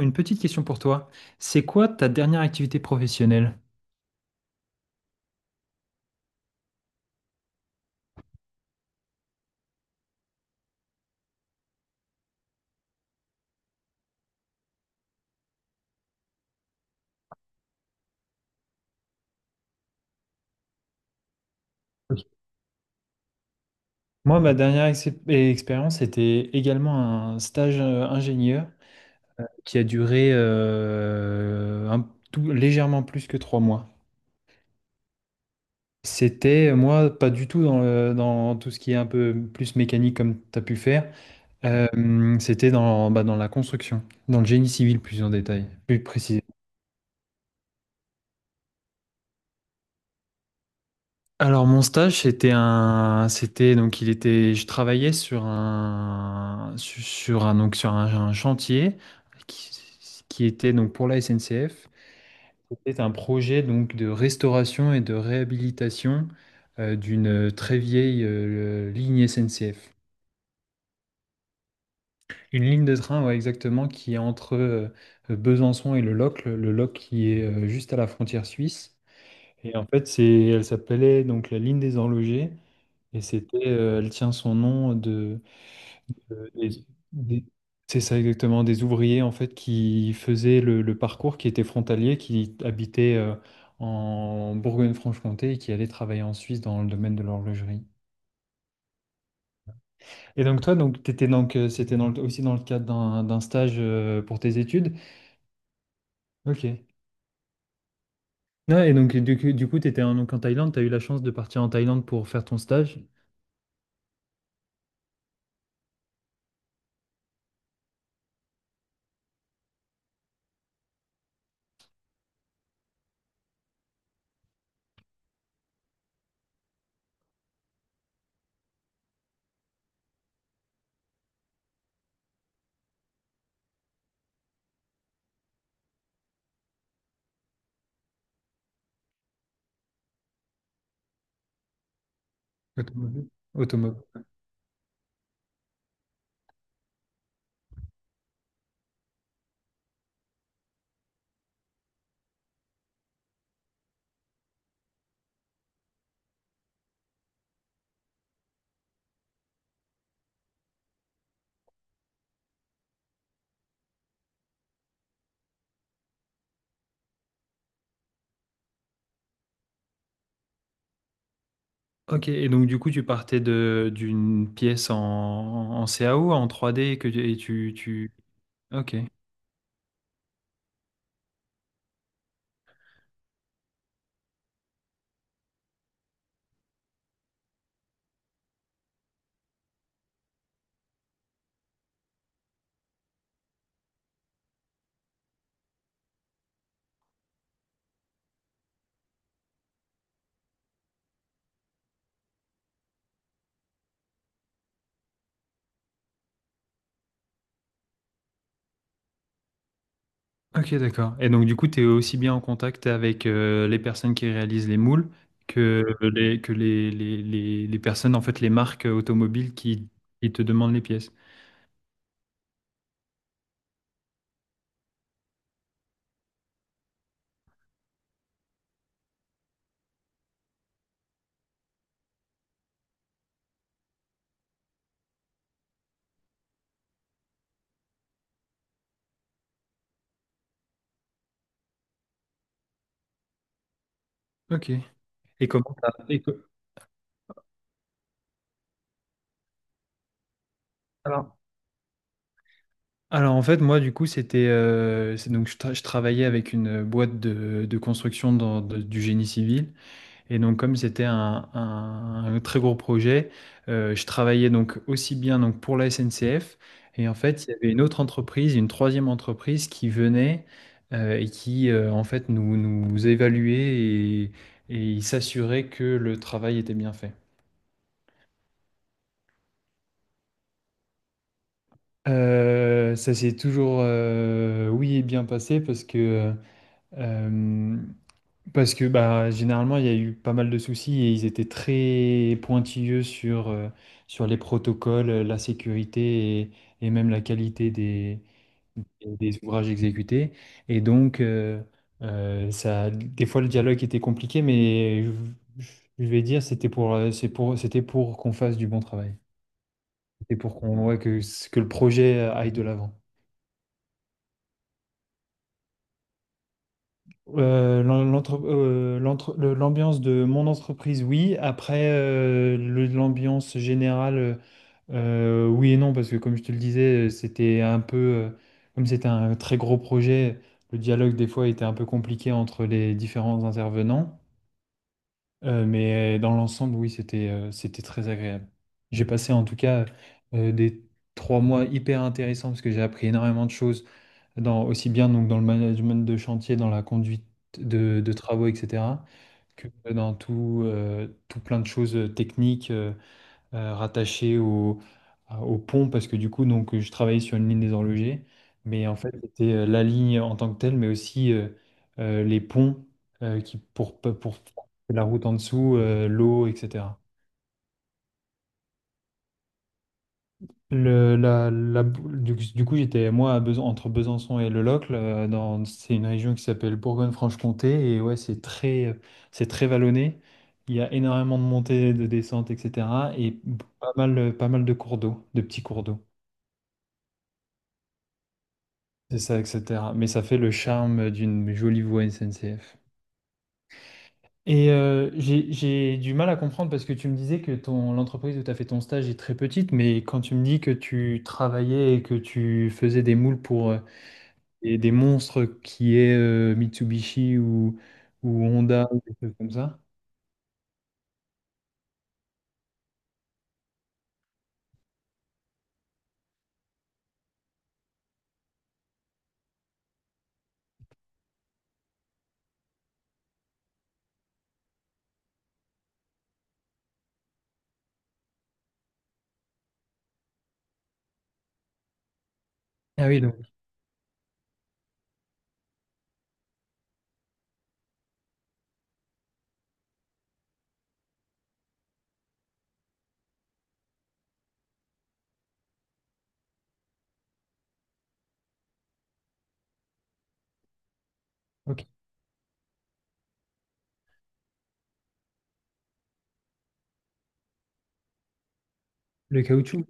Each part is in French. Une petite question pour toi. C'est quoi ta dernière activité professionnelle? Ok. Moi, ma dernière expérience était également un stage ingénieur qui a duré un légèrement plus que trois mois. C'était, moi, pas du tout dans tout ce qui est un peu plus mécanique comme tu as pu faire. Euh, C'était dans, bah, dans la construction, dans le génie civil plus en détail, plus. Alors mon stage c'était un c'était donc il était je travaillais sur un chantier qui, qui était donc pour la SNCF. C'était un projet donc de restauration et de réhabilitation d'une très vieille ligne SNCF. Une ligne de train, ouais, exactement, qui est entre Besançon et le Locle qui est juste à la frontière suisse. Et en fait c'est, elle s'appelait donc la ligne des Enlogés. Et c'était, elle tient son nom de, euh, des- des- c'est ça exactement, des ouvriers en fait qui faisaient le parcours, qui étaient frontaliers, qui habitaient en Bourgogne-Franche-Comté et qui allaient travailler en Suisse dans le domaine de l'horlogerie. Et donc toi, t'étais c'était dans aussi dans le cadre d'un stage pour tes études. Ok. Ah, et donc du coup, t'étais en, donc en Thaïlande, t'as eu la chance de partir en Thaïlande pour faire ton stage automobile. OK, et donc du coup, tu partais de d'une pièce en, en CAO, en 3D que tu, et tu, tu- OK. OK, d'accord. Et donc du coup, tu es aussi bien en contact avec les personnes qui réalisent les moules que les personnes, en fait, les marques automobiles qui te demandent les pièces. OK. Et comment alors, en fait, moi, du coup, c'était... je travaillais avec une boîte de construction du génie civil. Et donc, comme c'était un, un très gros projet, je travaillais donc aussi bien donc pour la SNCF. Et en fait, il y avait une autre entreprise, une troisième entreprise qui venait et qui en fait nous évaluait et s'assurait que le travail était bien fait. Ça s'est toujours oui bien passé parce que euh, parce que bah, généralement, il y a eu pas mal de soucis et ils étaient très pointilleux sur, sur les protocoles, la sécurité et même la qualité des ouvrages exécutés. Et donc, ça, des fois, le dialogue était compliqué, mais je, je vais dire, c'était pour, c'était pour qu'on fasse du bon travail. C'était pour qu'on, ouais, que le projet aille de l'avant. L'ambiance de mon entreprise, oui. Après, l'ambiance générale, oui et non, parce que comme je te le disais, c'était un peu, comme c'était un très gros projet, le dialogue des fois était un peu compliqué entre les différents intervenants. Mais dans l'ensemble, oui, c'était très agréable. J'ai passé en tout cas des trois mois hyper intéressants parce que j'ai appris énormément de choses dans, aussi bien donc dans le management de chantier, dans la conduite de travaux, etc., que dans tout, tout plein de choses techniques rattachées au, au pont, parce que du coup, donc, je travaillais sur une ligne des horlogers, mais en fait, c'était la ligne en tant que telle, mais aussi les ponts qui, pour la route en dessous, l'eau, etc. Le, la Du coup, j'étais moi entre Besançon et Le Locle. C'est une région qui s'appelle Bourgogne-Franche-Comté. Et ouais, c'est c'est très vallonné. Il y a énormément de montées, de descentes, etc. Et pas mal de cours d'eau, de petits cours d'eau. C'est ça, etc. Mais ça fait le charme d'une jolie voie SNCF. Et j'ai du mal à comprendre parce que tu me disais que ton, l'entreprise où tu as fait ton stage est très petite, mais quand tu me dis que tu travaillais et que tu faisais des moules pour... et des monstres qui est Mitsubishi ou Honda ou des trucs comme ça. Ah oui, donc, ok. Le caoutchouc.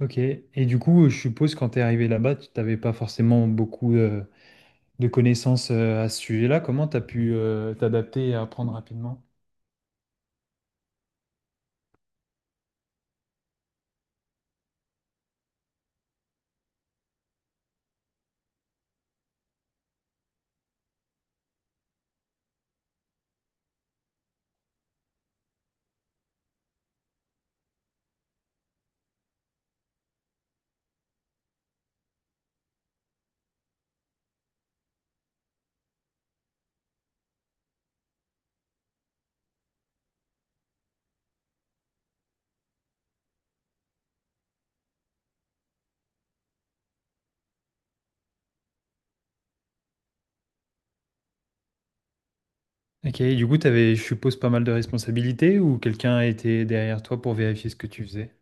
Ok. Et du coup, je suppose quand tu es arrivé là-bas, tu n'avais pas forcément beaucoup de connaissances à ce sujet-là. Comment tu as pu t'adapter et apprendre rapidement? Ok, et du coup, tu avais, je suppose, pas mal de responsabilités ou quelqu'un était derrière toi pour vérifier ce que tu faisais?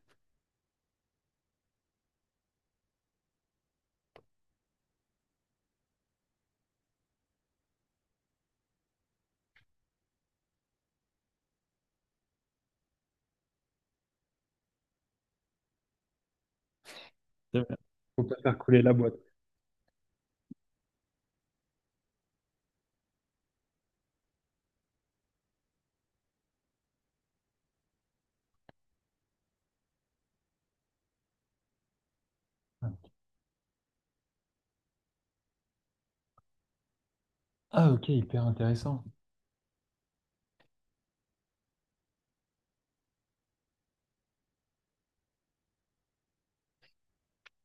Faire couler la boîte. Ah, ok, hyper intéressant.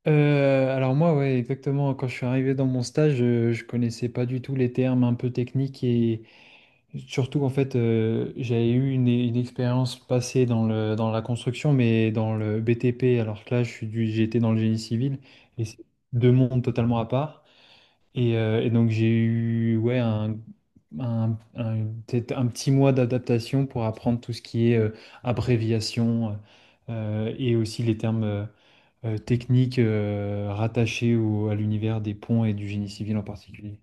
Alors moi, ouais, exactement. Quand je suis arrivé dans mon stage, connaissais pas du tout les termes un peu techniques et surtout en fait, j'avais eu une expérience passée dans la construction, mais dans le BTP. Alors que là, j'étais dans le génie civil et c'est deux mondes totalement à part. Et donc j'ai eu ouais peut-être un petit mois d'adaptation pour apprendre tout ce qui est abréviation et aussi les termes. Techniques, rattachées à l'univers des ponts et du génie civil en particulier.